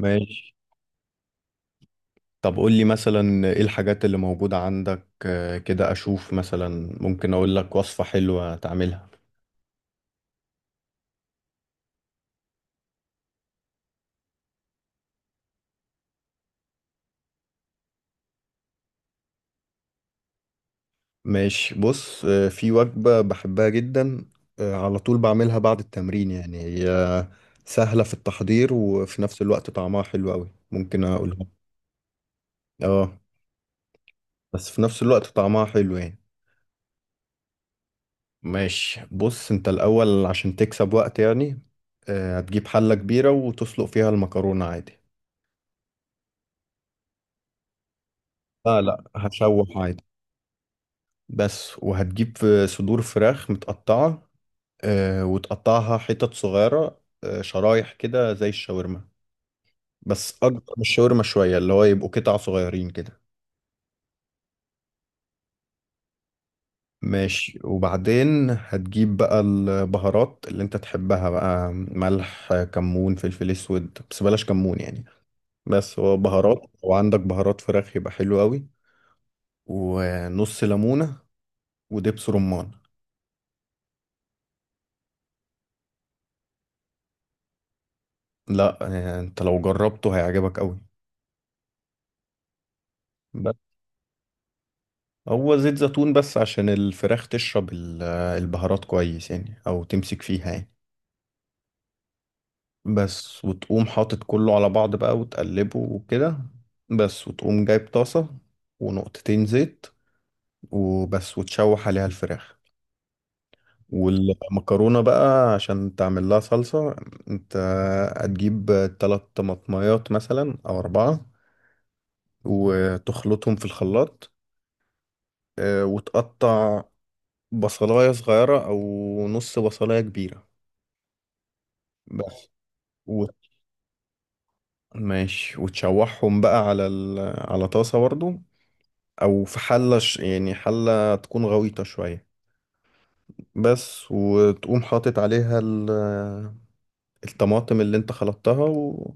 ماشي. طب قول لي مثلا ايه الحاجات اللي موجودة عندك، كده اشوف مثلا ممكن اقول لك وصفة حلوة تعملها. ماشي، بص، في وجبة بحبها جدا، على طول بعملها بعد التمرين، يعني هي سهلة في التحضير وفي نفس الوقت طعمها حلو قوي. ممكن اقولها. اه، بس في نفس الوقت طعمها حلو يعني. ماشي، بص انت الاول عشان تكسب وقت، يعني هتجيب حلة كبيرة وتسلق فيها المكرونة عادي. لا لا، هشوح عادي بس. وهتجيب في صدور فراخ متقطعة، وتقطعها حتت صغيرة، شرايح كده زي الشاورما، بس أكبر من الشاورما شوية، اللي هو يبقوا قطع صغيرين كده. ماشي. وبعدين هتجيب بقى البهارات اللي انت تحبها، بقى ملح كمون فلفل اسود، بس بلاش كمون يعني. بس هو بهارات، وعندك بهارات فراخ يبقى حلو قوي. ونص ليمونة ودبس رمان. لا، انت لو جربته هيعجبك قوي. هو زيت زيتون بس عشان الفراخ تشرب البهارات كويس، يعني او تمسك فيها يعني. بس وتقوم حاطط كله على بعض بقى وتقلبه وكده. بس وتقوم جايب طاسة ونقطتين زيت وبس، وتشوح عليها الفراخ والمكرونة بقى عشان تعمل لها صلصة. انت هتجيب 3 طماطميات مثلا او 4، وتخلطهم في الخلاط، وتقطع بصلاية صغيرة او نص بصلاية كبيرة بس. و... ماشي، وتشوحهم بقى على طاسة برضو، أو في حلة يعني حلة تكون غويطة شوية بس. وتقوم حاطط عليها الطماطم اللي انت خلطتها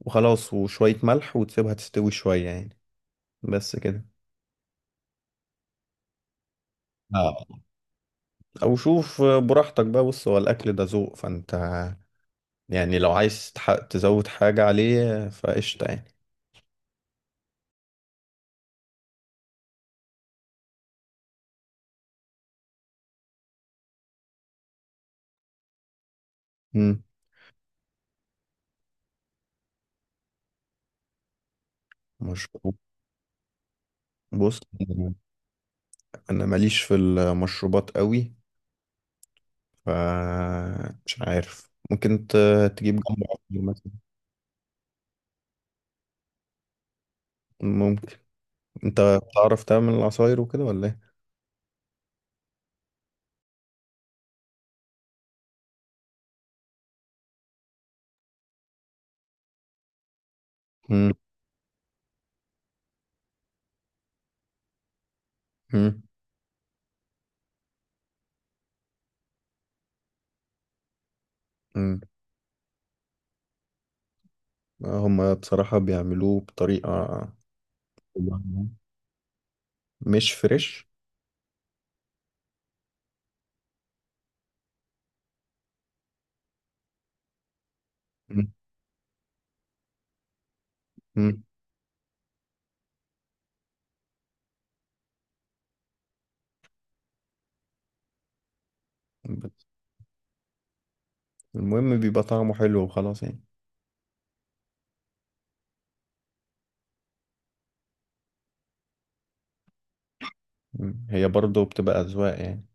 وخلاص. وشوية ملح وتسيبها تستوي شوية يعني. بس كده. آه. أو شوف براحتك بقى. بص هو الأكل ده ذوق، فأنت يعني لو عايز تزود حاجة عليه فقشطة يعني. مم. مشروب. بص أنا ماليش في المشروبات قوي. ف مش عارف، ممكن تجيب جنب عصير مثلا. ممكن. انت بتعرف تعمل العصاير وكده ولا ايه؟ مم. مم. مم. هما بصراحة بيعملوه بطريقة مش فريش. مم. مم. بس المهم بيبقى طعمه حلو وخلاص يعني. مم. هي برضه بتبقى أذواق يعني.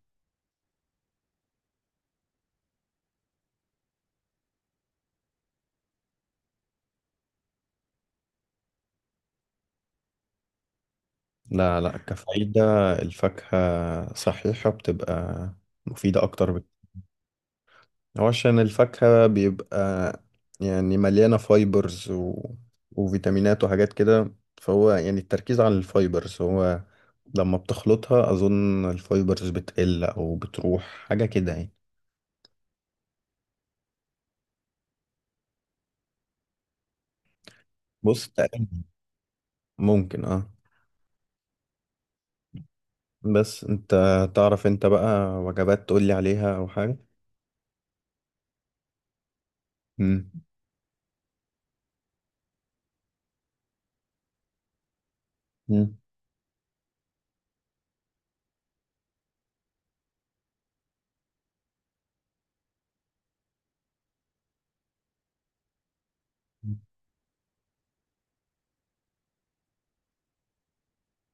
لا لا، كفايدة الفاكهة صحيحة بتبقى مفيدة أكتر. هو عشان الفاكهة بيبقى يعني مليانة فايبرز وفيتامينات وحاجات كده. فهو يعني التركيز على الفايبرز، هو لما بتخلطها أظن الفايبرز بتقل أو بتروح حاجة كده يعني. بص تقريبا ممكن، اه. بس انت تعرف انت بقى وجبات تقولي عليها أو حاجة؟ مم. مم.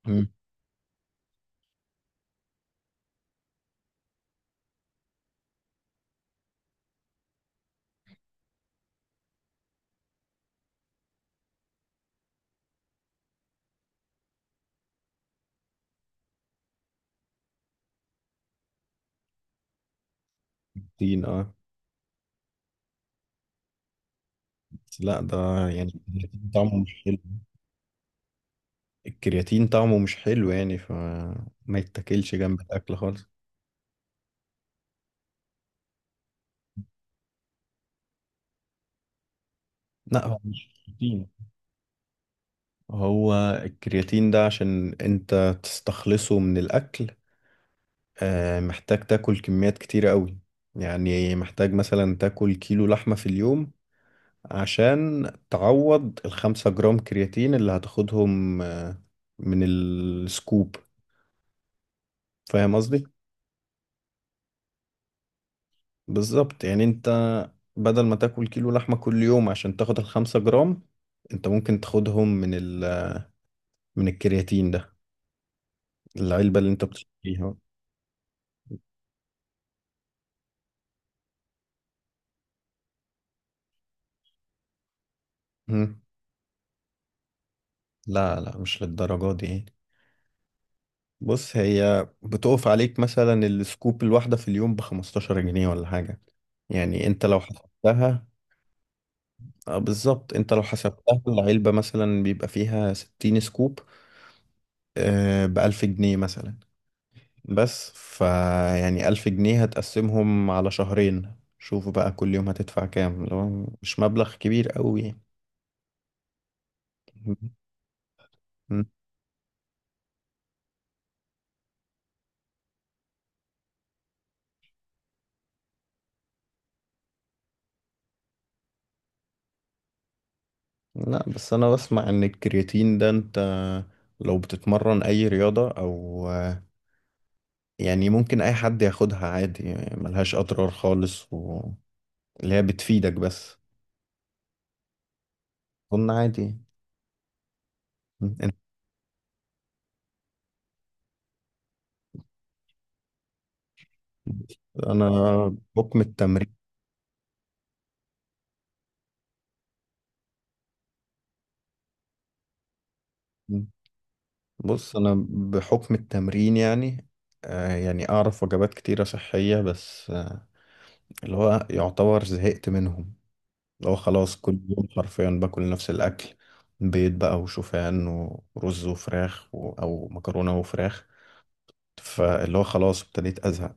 مم. كرياتين، اه. بس لا، ده يعني الكرياتين طعمه مش حلو. الكرياتين طعمه مش حلو يعني، فما يتاكلش جنب الأكل خالص. لا، هو مش كرياتين. هو الكرياتين ده عشان انت تستخلصه من الاكل، محتاج تاكل كميات كتيرة قوي. يعني محتاج مثلا تاكل كيلو لحمة في اليوم عشان تعوض الـ5 جرام كرياتين اللي هتاخدهم من السكوب. فاهم قصدي؟ بالظبط، يعني انت بدل ما تاكل كيلو لحمة كل يوم عشان تاخد الـ5 جرام، انت ممكن تاخدهم من من الكرياتين ده، العلبة اللي انت بتشتريها. مم. لا لا، مش للدرجة دي يعني. بص هي بتقف عليك مثلا السكوب الواحدة في اليوم بـ15 جنيه ولا حاجة. يعني انت لو حسبتها، اه بالظبط. انت لو حسبتها العلبة مثلا بيبقى فيها 60 سكوب، آه بـ1000 جنيه مثلا. بس فيعني 1000 جنيه هتقسمهم على شهرين، شوف بقى كل يوم هتدفع كام، لو مش مبلغ كبير قوي يعني. م. لا بس انا بسمع ان الكرياتين ده انت لو بتتمرن اي رياضة او يعني ممكن اي حد ياخدها عادي، يعني ملهاش اضرار خالص اللي هي بتفيدك بس. اظن عادي. انت انا بحكم التمرين. بص انا بحكم التمرين يعني آه، يعني اعرف وجبات كتيرة صحية بس آه، اللي هو يعتبر زهقت منهم. اللي هو خلاص كل يوم حرفيا باكل نفس الاكل: بيض بقى وشوفان، ورز وفراخ او مكرونة وفراخ. فاللي هو خلاص ابتديت ازهق.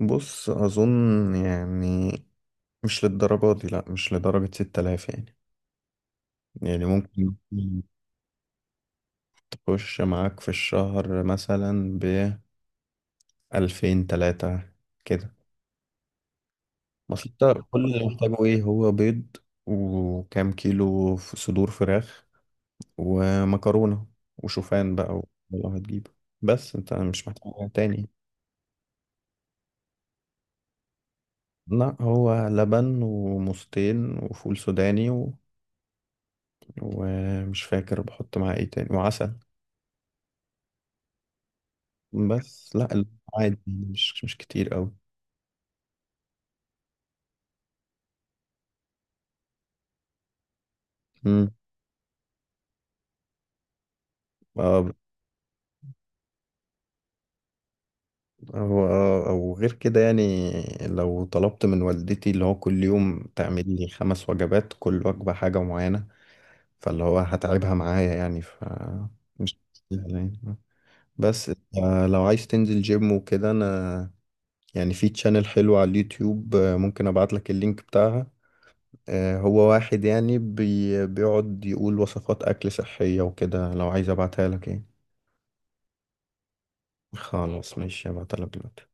بص أظن يعني مش للدرجة دي، لأ مش لدرجة 6000 يعني. يعني ممكن تخش معاك في الشهر مثلا بألفين تلاتة كده. بس انت كل اللي محتاجه ايه: هو بيض وكام كيلو صدور فراخ ومكرونة وشوفان بقى لو هتجيبه، بس انت مش محتاج حاجة تاني. لا، هو لبن وموزتين وفول سوداني ومش فاكر بحط معاه ايه تاني، وعسل بس. لا، عادي يعني، مش كتير أوي. مم. آه، هو آه، أو غير كده يعني. لو طلبت من والدتي اللي هو كل يوم تعمل لي 5 وجبات، كل وجبة حاجة معينة، فاللي هو هتعبها معايا يعني. ف مش يعني بس، لو عايز تنزل جيم وكده أنا يعني، في تشانل حلو على اليوتيوب، ممكن أبعت لك اللينك بتاعها. هو واحد يعني بيقعد يقول وصفات أكل صحية وكده، لو عايز أبعتها لك يعني. خلاص ماشي، هبعتلك دلوقتي.